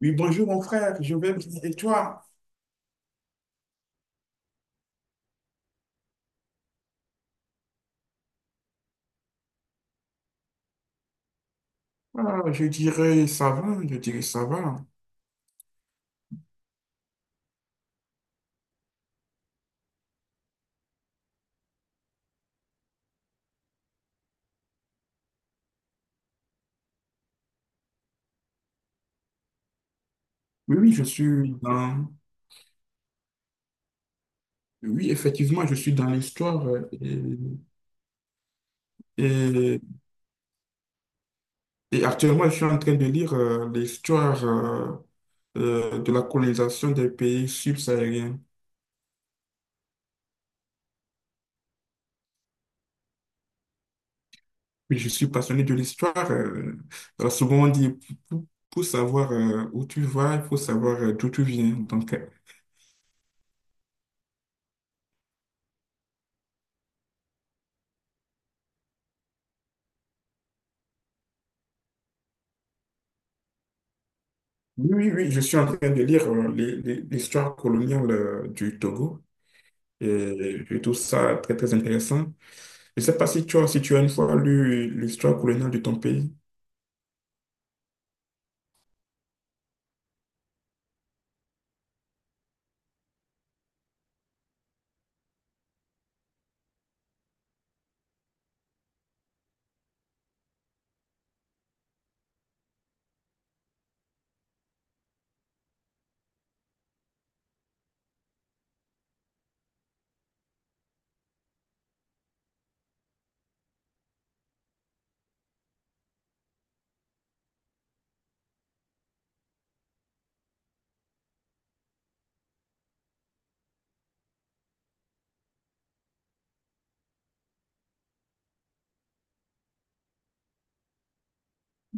Oui, bonjour mon frère, je vais bien. Et toi? Ah, je dirais ça va, je dirais ça va. Oui, oui, je suis dans. Oui, effectivement, je suis dans l'histoire et, et- et actuellement, je suis en train de lire l'histoire de la colonisation des pays subsahariens. Oui, je suis passionné de l'histoire. Alors, souvent, on dit, pour savoir où tu vas, il faut savoir d'où tu viens. Donc. Oui, oui, oui, je suis en train de lire l'histoire coloniale du Togo. Et je trouve ça très, très intéressant. Je ne sais pas si tu as une fois lu l'histoire coloniale de ton pays.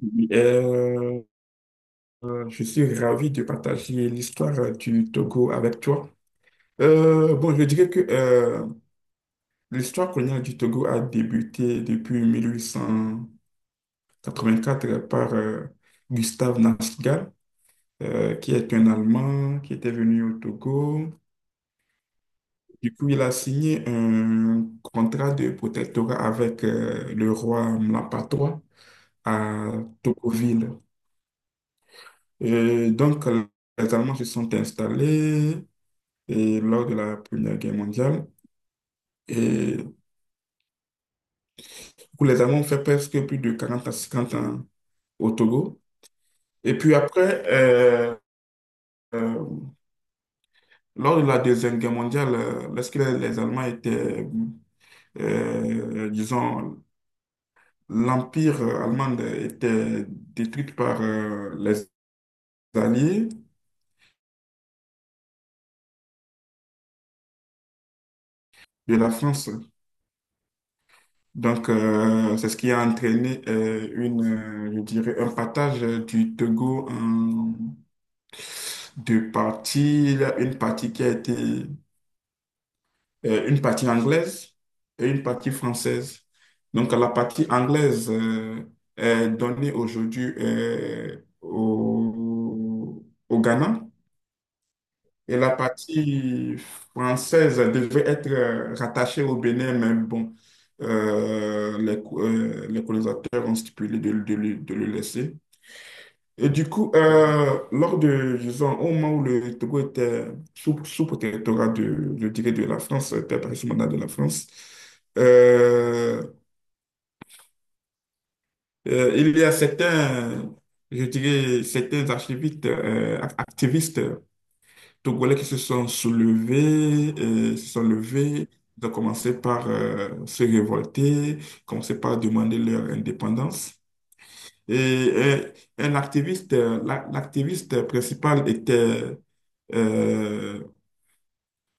Oui. Je suis ravi de partager l'histoire du Togo avec toi. Bon, je dirais que l'histoire coloniale du Togo a débuté depuis 1884 par Gustave Nachtigal, qui est un Allemand qui était venu au Togo. Du coup, il a signé un contrat de protectorat avec le roi Mlapatois à Togoville. Et donc, les Allemands se sont installés et lors de la Première Guerre mondiale. Et du coup, les Allemands ont fait presque plus de 40 à 50 ans au Togo. Et puis après, euh, lors de la Deuxième Guerre mondiale, lorsque les Allemands étaient, disons, l'Empire allemand était détruit par les alliés de la France. Donc, c'est ce qui a entraîné un partage du Togo en deux parties. Il y a une partie qui a été, une partie anglaise et une partie française. Donc, la partie anglaise est donnée aujourd'hui au, au Ghana. Et la partie française devait être rattachée au Bénin, mais bon, les colonisateurs ont stipulé de le laisser. Et du coup, lors de, disons, au moment où le Togo était sous protectorat de, je dirais, de la France, était par sous mandat de la France, euh, il y a certains, je dirais, certains archivistes, activistes Togolais qui se sont soulevés, se sont levés. Ils ont commencé par se révolter, commencé par demander leur indépendance. Et, un activiste, l'activiste principal était euh,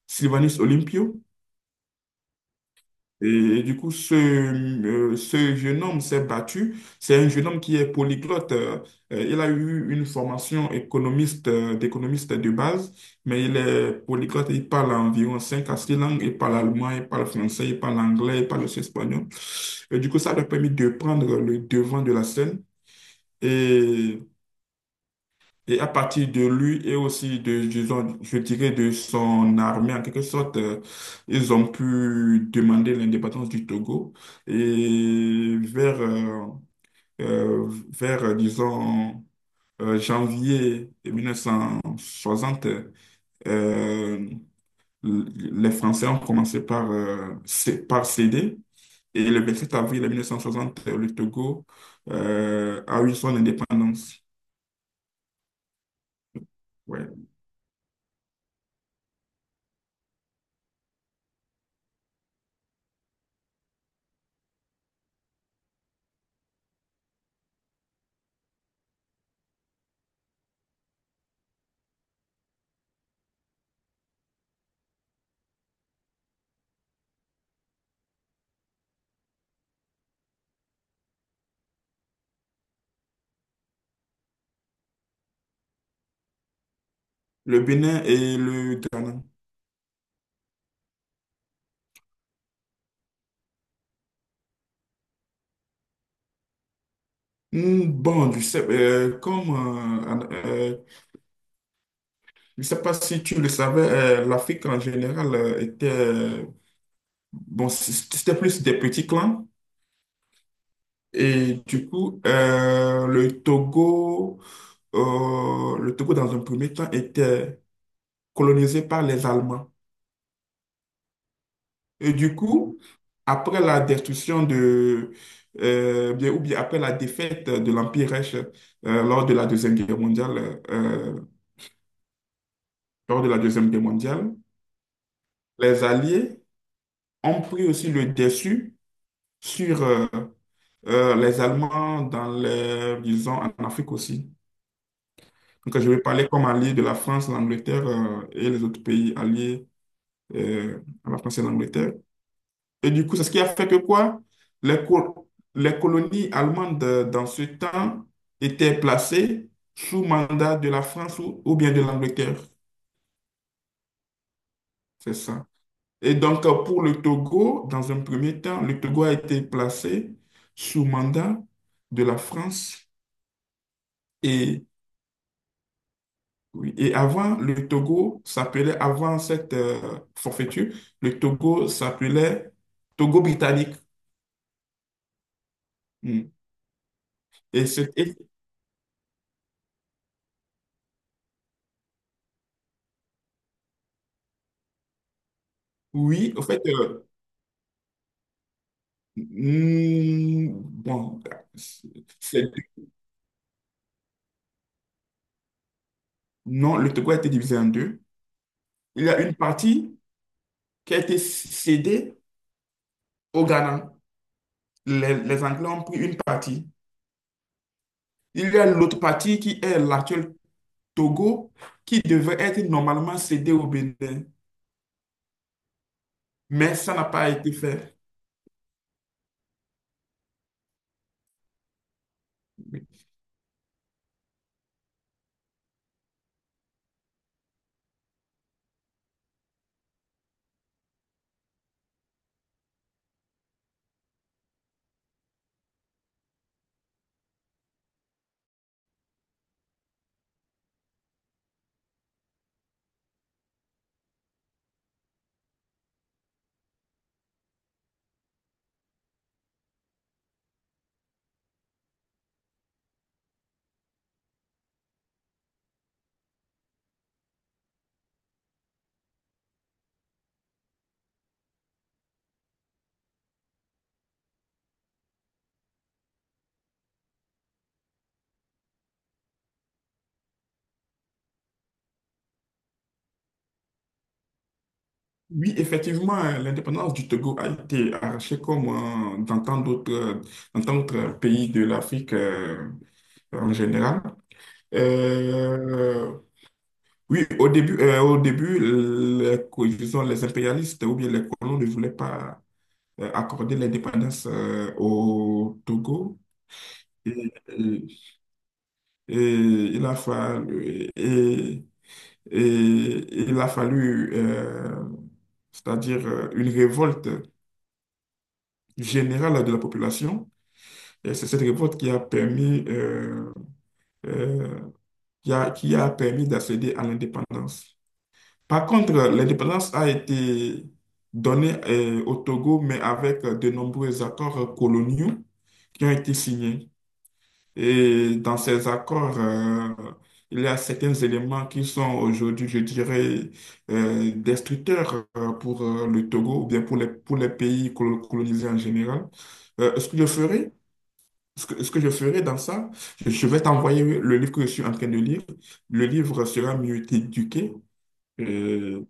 Sylvanus Olympio. Et, et du coup, ce jeune homme s'est battu. C'est un jeune homme qui est polyglotte. Il a eu une formation économiste, d'économiste de base, mais il est polyglotte. Il parle environ 5 à 6 langues. Il parle allemand, il parle français, il parle anglais, il parle aussi espagnol. Et du coup, ça lui a permis de prendre le devant de la scène. Et et à partir de lui et aussi de, disons, je dirais de son armée, en quelque sorte, ils ont pu demander l'indépendance du Togo. Et vers, disons, janvier 1960, euh, les Français ont commencé par céder. Et le 27 avril 1960, le Togo, a eu son indépendance. Ouais. Le Bénin et le Ghana. Bon, euh, je sais pas si tu le savais, l'Afrique en général était, bon, c'était plus des petits clans. Et du coup, le Togo dans un premier temps était colonisé par les Allemands. Et du coup, après la destruction ou bien après la défaite de l'Empire Reich lors de la Deuxième Guerre mondiale, lors de la Deuxième Guerre mondiale, les Alliés ont pris aussi le dessus sur les Allemands dans les, disons, en Afrique aussi. Donc, je vais parler comme allié de la France, l'Angleterre et les autres pays alliés à la France et à l'Angleterre. Et du coup, c'est ce qui a fait que quoi? Les, co- les colonies allemandes dans ce temps étaient placées sous mandat de la France ou bien de l'Angleterre. C'est ça. Et donc, pour le Togo, dans un premier temps, le Togo a été placé sous mandat de la France. Et, oui, et avant, le Togo s'appelait, avant cette forfaiture, le Togo s'appelait Togo britannique. Mm. Et c'était, oui, en fait, bon, c'est- non, le Togo a été divisé en deux. Il y a une partie qui a été cédée au Ghana. Les Anglais ont pris une partie. Il y a l'autre partie qui est l'actuel Togo, qui devait être normalement cédée au Bénin, mais ça n'a pas été fait. Oui, effectivement, l'indépendance du Togo a été arrachée comme euh, dans tant d'autres dans tant d'autres pays de l'Afrique en général. Euh, oui, au début, disons, les impérialistes ou bien les colons ne voulaient pas accorder l'indépendance au Togo. Et, Et il a fallu, et, il a fallu, c'est-à-dire une révolte générale de la population. Et c'est cette révolte euh, qui a permis d'accéder à l'indépendance. Par contre, l'indépendance a été donnée au Togo, mais avec de nombreux accords coloniaux qui ont été signés. Et dans ces accords, il y a certains éléments qui sont aujourd'hui, je dirais, destructeurs pour le Togo ou bien pour les pays colonisés en général. Euh, ce que je ferai, ce que je ferai dans ça, je vais t'envoyer le livre que je suis en train de lire. Le livre sera mieux éduqué. euh,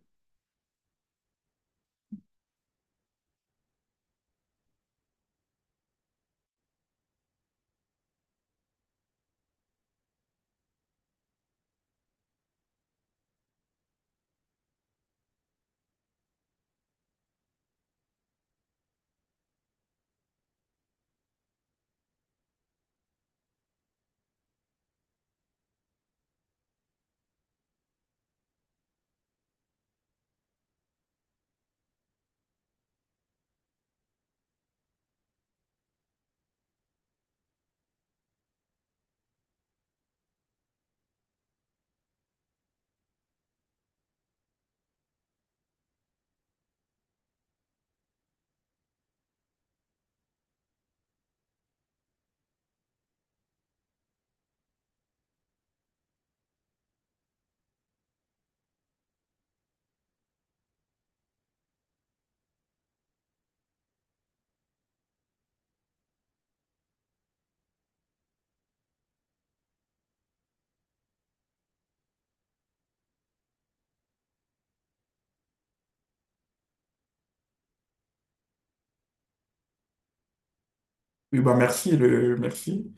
Oui, bah merci, merci.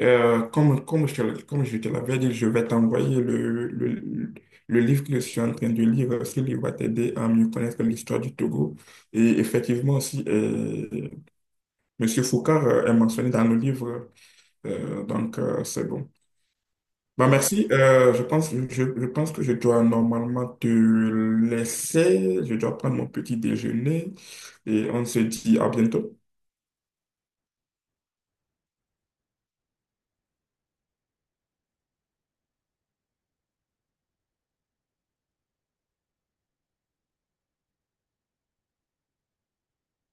Comme je te l'avais dit, je vais t'envoyer le livre que je suis en train de lire. Ce livre va t'aider à mieux connaître l'histoire du Togo. Et effectivement aussi, Monsieur Foucard est mentionné dans le livre. Donc, c'est bon. Bah merci. Je pense que je dois normalement te laisser. Je dois prendre mon petit déjeuner. Et on se dit à bientôt.